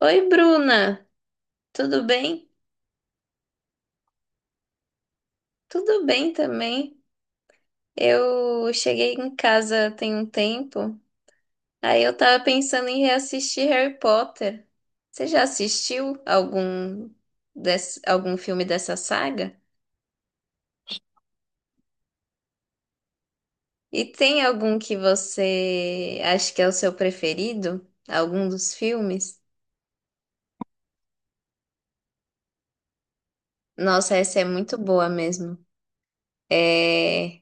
Oi, Bruna, tudo bem? Tudo bem também. Eu cheguei em casa tem um tempo, aí eu tava pensando em reassistir Harry Potter. Você já assistiu algum algum filme dessa saga? E tem algum que você acha que é o seu preferido? Algum dos filmes? Nossa, essa é muito boa mesmo. É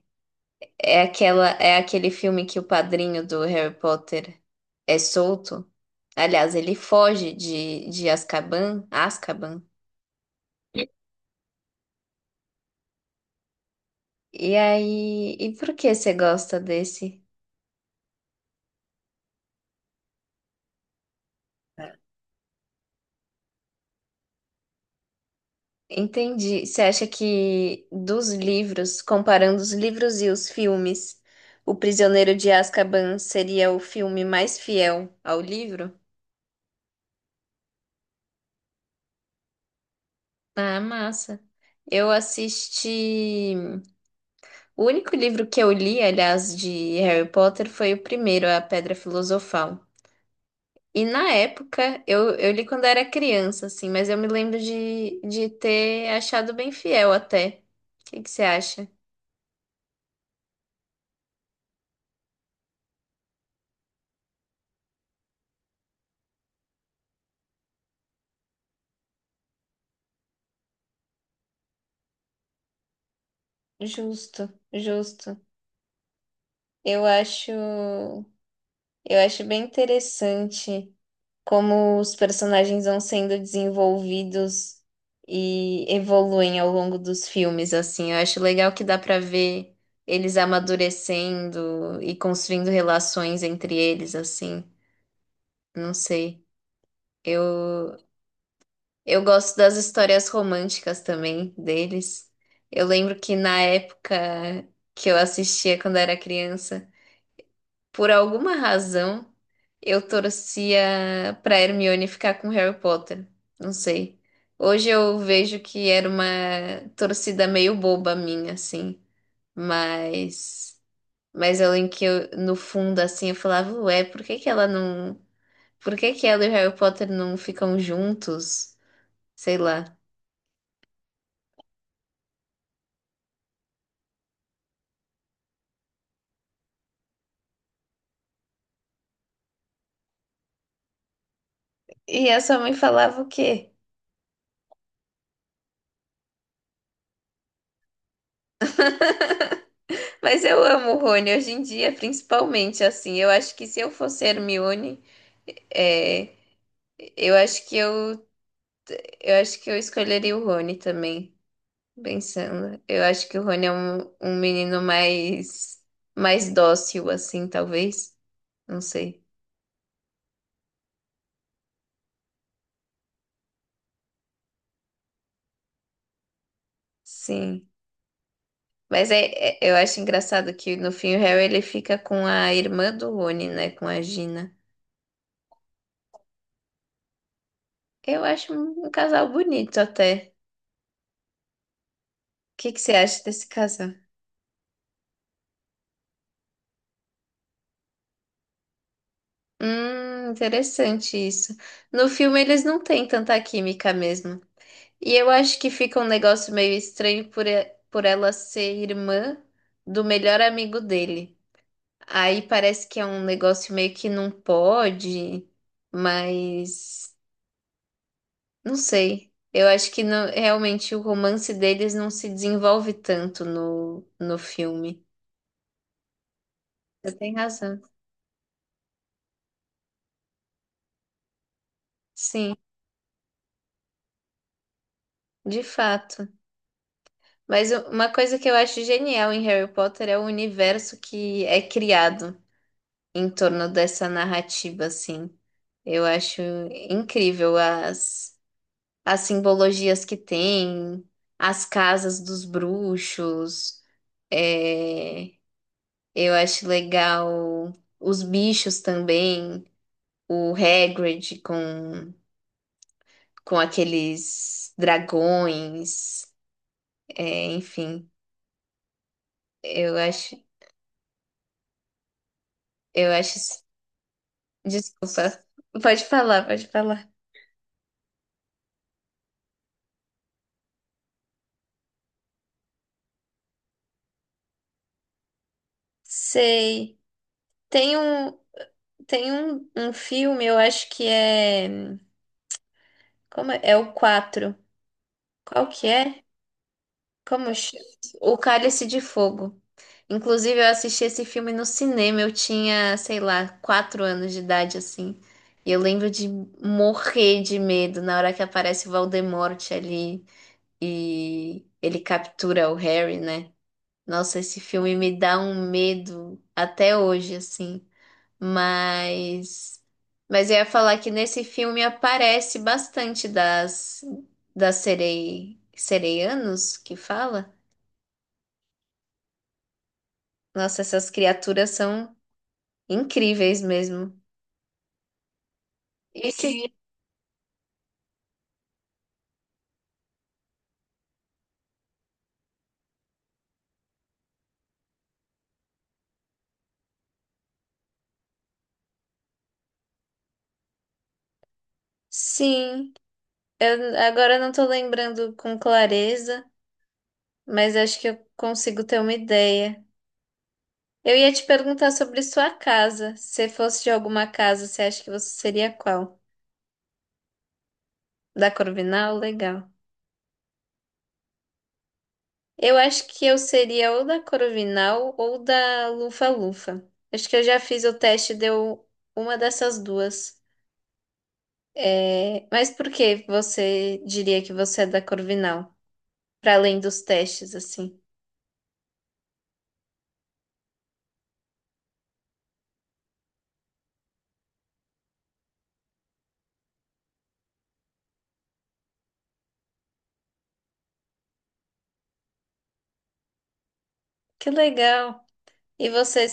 É aquele filme que o padrinho do Harry Potter é solto. Aliás, ele foge de Azkaban. E aí, e por que você gosta desse? Entendi. Você acha que dos livros, comparando os livros e os filmes, O Prisioneiro de Azkaban seria o filme mais fiel ao livro? Ah, massa. Eu assisti. O único livro que eu li, aliás, de Harry Potter foi o primeiro, A Pedra Filosofal. E na época, eu li quando era criança, assim, mas eu me lembro de ter achado bem fiel até. O que que você acha? Justo, justo. Eu acho bem interessante, como os personagens vão sendo desenvolvidos e evoluem ao longo dos filmes, assim. Eu acho legal que dá pra ver eles amadurecendo e construindo relações entre eles, assim. Não sei. Eu eu gosto das histórias românticas também deles. Eu lembro que na época que eu assistia quando era criança, por alguma razão, eu torcia pra Hermione ficar com Harry Potter. Não sei. Hoje eu vejo que era uma torcida meio boba minha, assim. Mas, mas eu lembro que eu, no fundo, assim, eu falava, ué, por que que ela não. Por que que ela e o Harry Potter não ficam juntos? Sei lá. E a sua mãe falava o quê? Mas eu amo o Rony hoje em dia, principalmente, assim. Eu acho que se eu fosse Hermione, é, eu acho que eu Eu acho que eu escolheria o Rony também, pensando. Eu acho que o Rony é um menino mais, mais dócil, assim, talvez. Não sei. Sim. Mas é, eu acho engraçado que no fim o Harry ele fica com a irmã do Rony, né? Com a Gina. Eu acho um casal bonito até. O que que você acha desse casal? Interessante isso. No filme eles não têm tanta química mesmo. E eu acho que fica um negócio meio estranho por ela ser irmã do melhor amigo dele. Aí parece que é um negócio meio que não pode, mas não sei. Eu acho que não- Realmente o romance deles não se desenvolve tanto no filme. Você tem razão. Sim, de fato. Mas uma coisa que eu acho genial em Harry Potter é o universo que é criado em torno dessa narrativa, assim. Eu acho incrível as simbologias que tem, as casas dos bruxos. É, eu acho legal os bichos também, o Hagrid com aqueles dragões, é, enfim. Eu acho, eu acho. isso- Desculpa, pode falar, pode falar. Sei. Tem um, tem um filme, eu acho que é. Como é? É o quatro. Qual que é? Como chama? O Cálice de Fogo. Inclusive, eu assisti esse filme no cinema. Eu tinha, sei lá, 4 anos de idade, assim. E eu lembro de morrer de medo na hora que aparece o Voldemort ali e ele captura o Harry, né? Nossa, esse filme me dá um medo até hoje, assim. Mas, mas eu ia falar que nesse filme aparece bastante das sereianos que fala. Nossa, essas criaturas são incríveis mesmo. Esse, sim. Sim, eu agora não tô lembrando com clareza, mas acho que eu consigo ter uma ideia. Eu ia te perguntar sobre sua casa. Se fosse de alguma casa, você acha que você seria qual? Da Corvinal? Legal. Eu acho que eu seria ou da Corovinal ou da Lufa-Lufa. Acho que eu já fiz o teste, e deu uma dessas duas. É, mas por que você diria que você é da Corvinal? Para além dos testes, assim. Que legal! E você,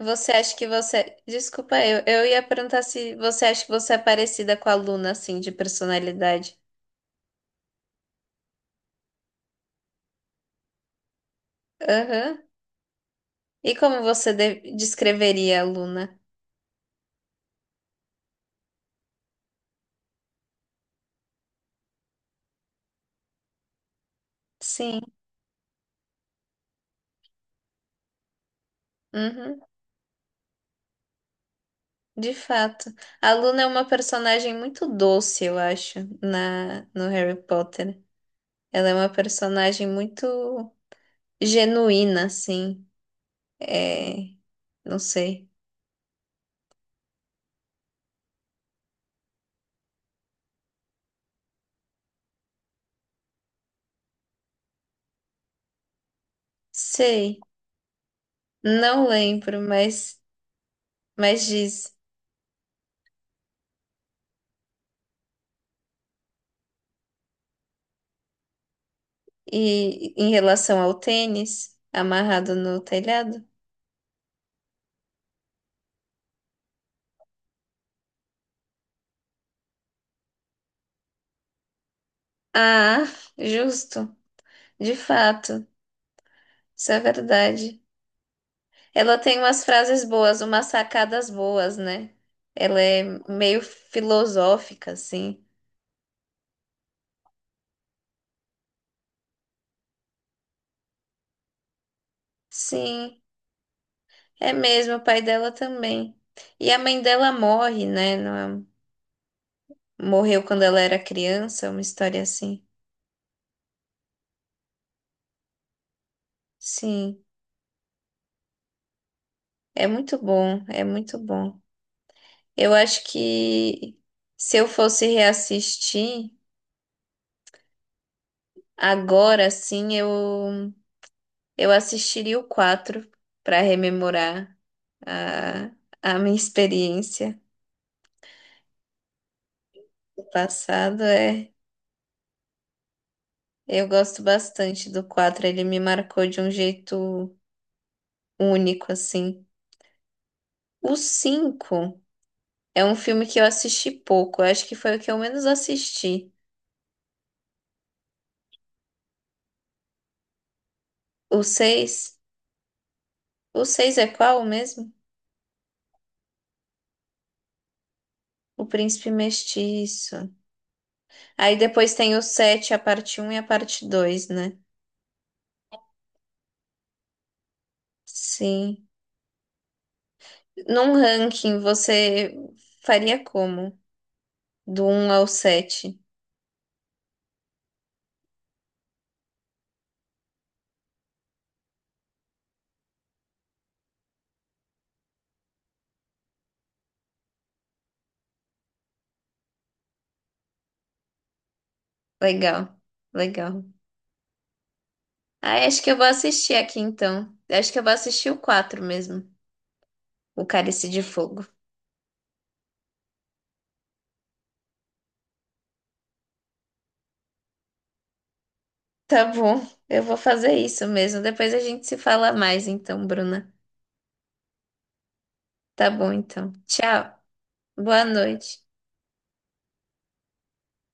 você acha que você. Desculpa, eu ia perguntar se você acha que você é parecida com a Luna, assim, de personalidade. Aham. E como você descreveria a Luna? Sim. Uhum. De fato. A Luna é uma personagem muito doce, eu acho, no Harry Potter. Ela é uma personagem muito genuína, assim. É, não sei. Sei. Não lembro, mas diz. E em relação ao tênis amarrado no telhado? Ah, justo. De fato. Isso é verdade. Ela tem umas frases boas, umas sacadas boas, né? Ela é meio filosófica, assim. Sim, é mesmo, o pai dela também. E a mãe dela morre, né? Não é- um, Morreu quando ela era criança, uma história assim. Sim, é muito bom, é muito bom. Eu acho que se eu fosse reassistir agora, sim, eu assistiria o 4 para rememorar a, a minha experiência. Passado é. Eu gosto bastante do quatro, ele me marcou de um jeito único, assim. O 5 é um filme que eu assisti pouco, eu acho que foi o que eu menos assisti. O seis o 6 é qual mesmo? O Príncipe Mestiço. Aí depois tem o sete, a parte um e a parte dois, né? Sim. Num ranking, você faria como? Do um ao sete. Legal, legal. Ah, acho que eu vou assistir aqui então. Acho que eu vou assistir o 4 mesmo, o Cálice de Fogo. Tá bom, eu vou fazer isso mesmo. Depois a gente se fala mais então, Bruna. Tá bom então. Tchau. Boa noite.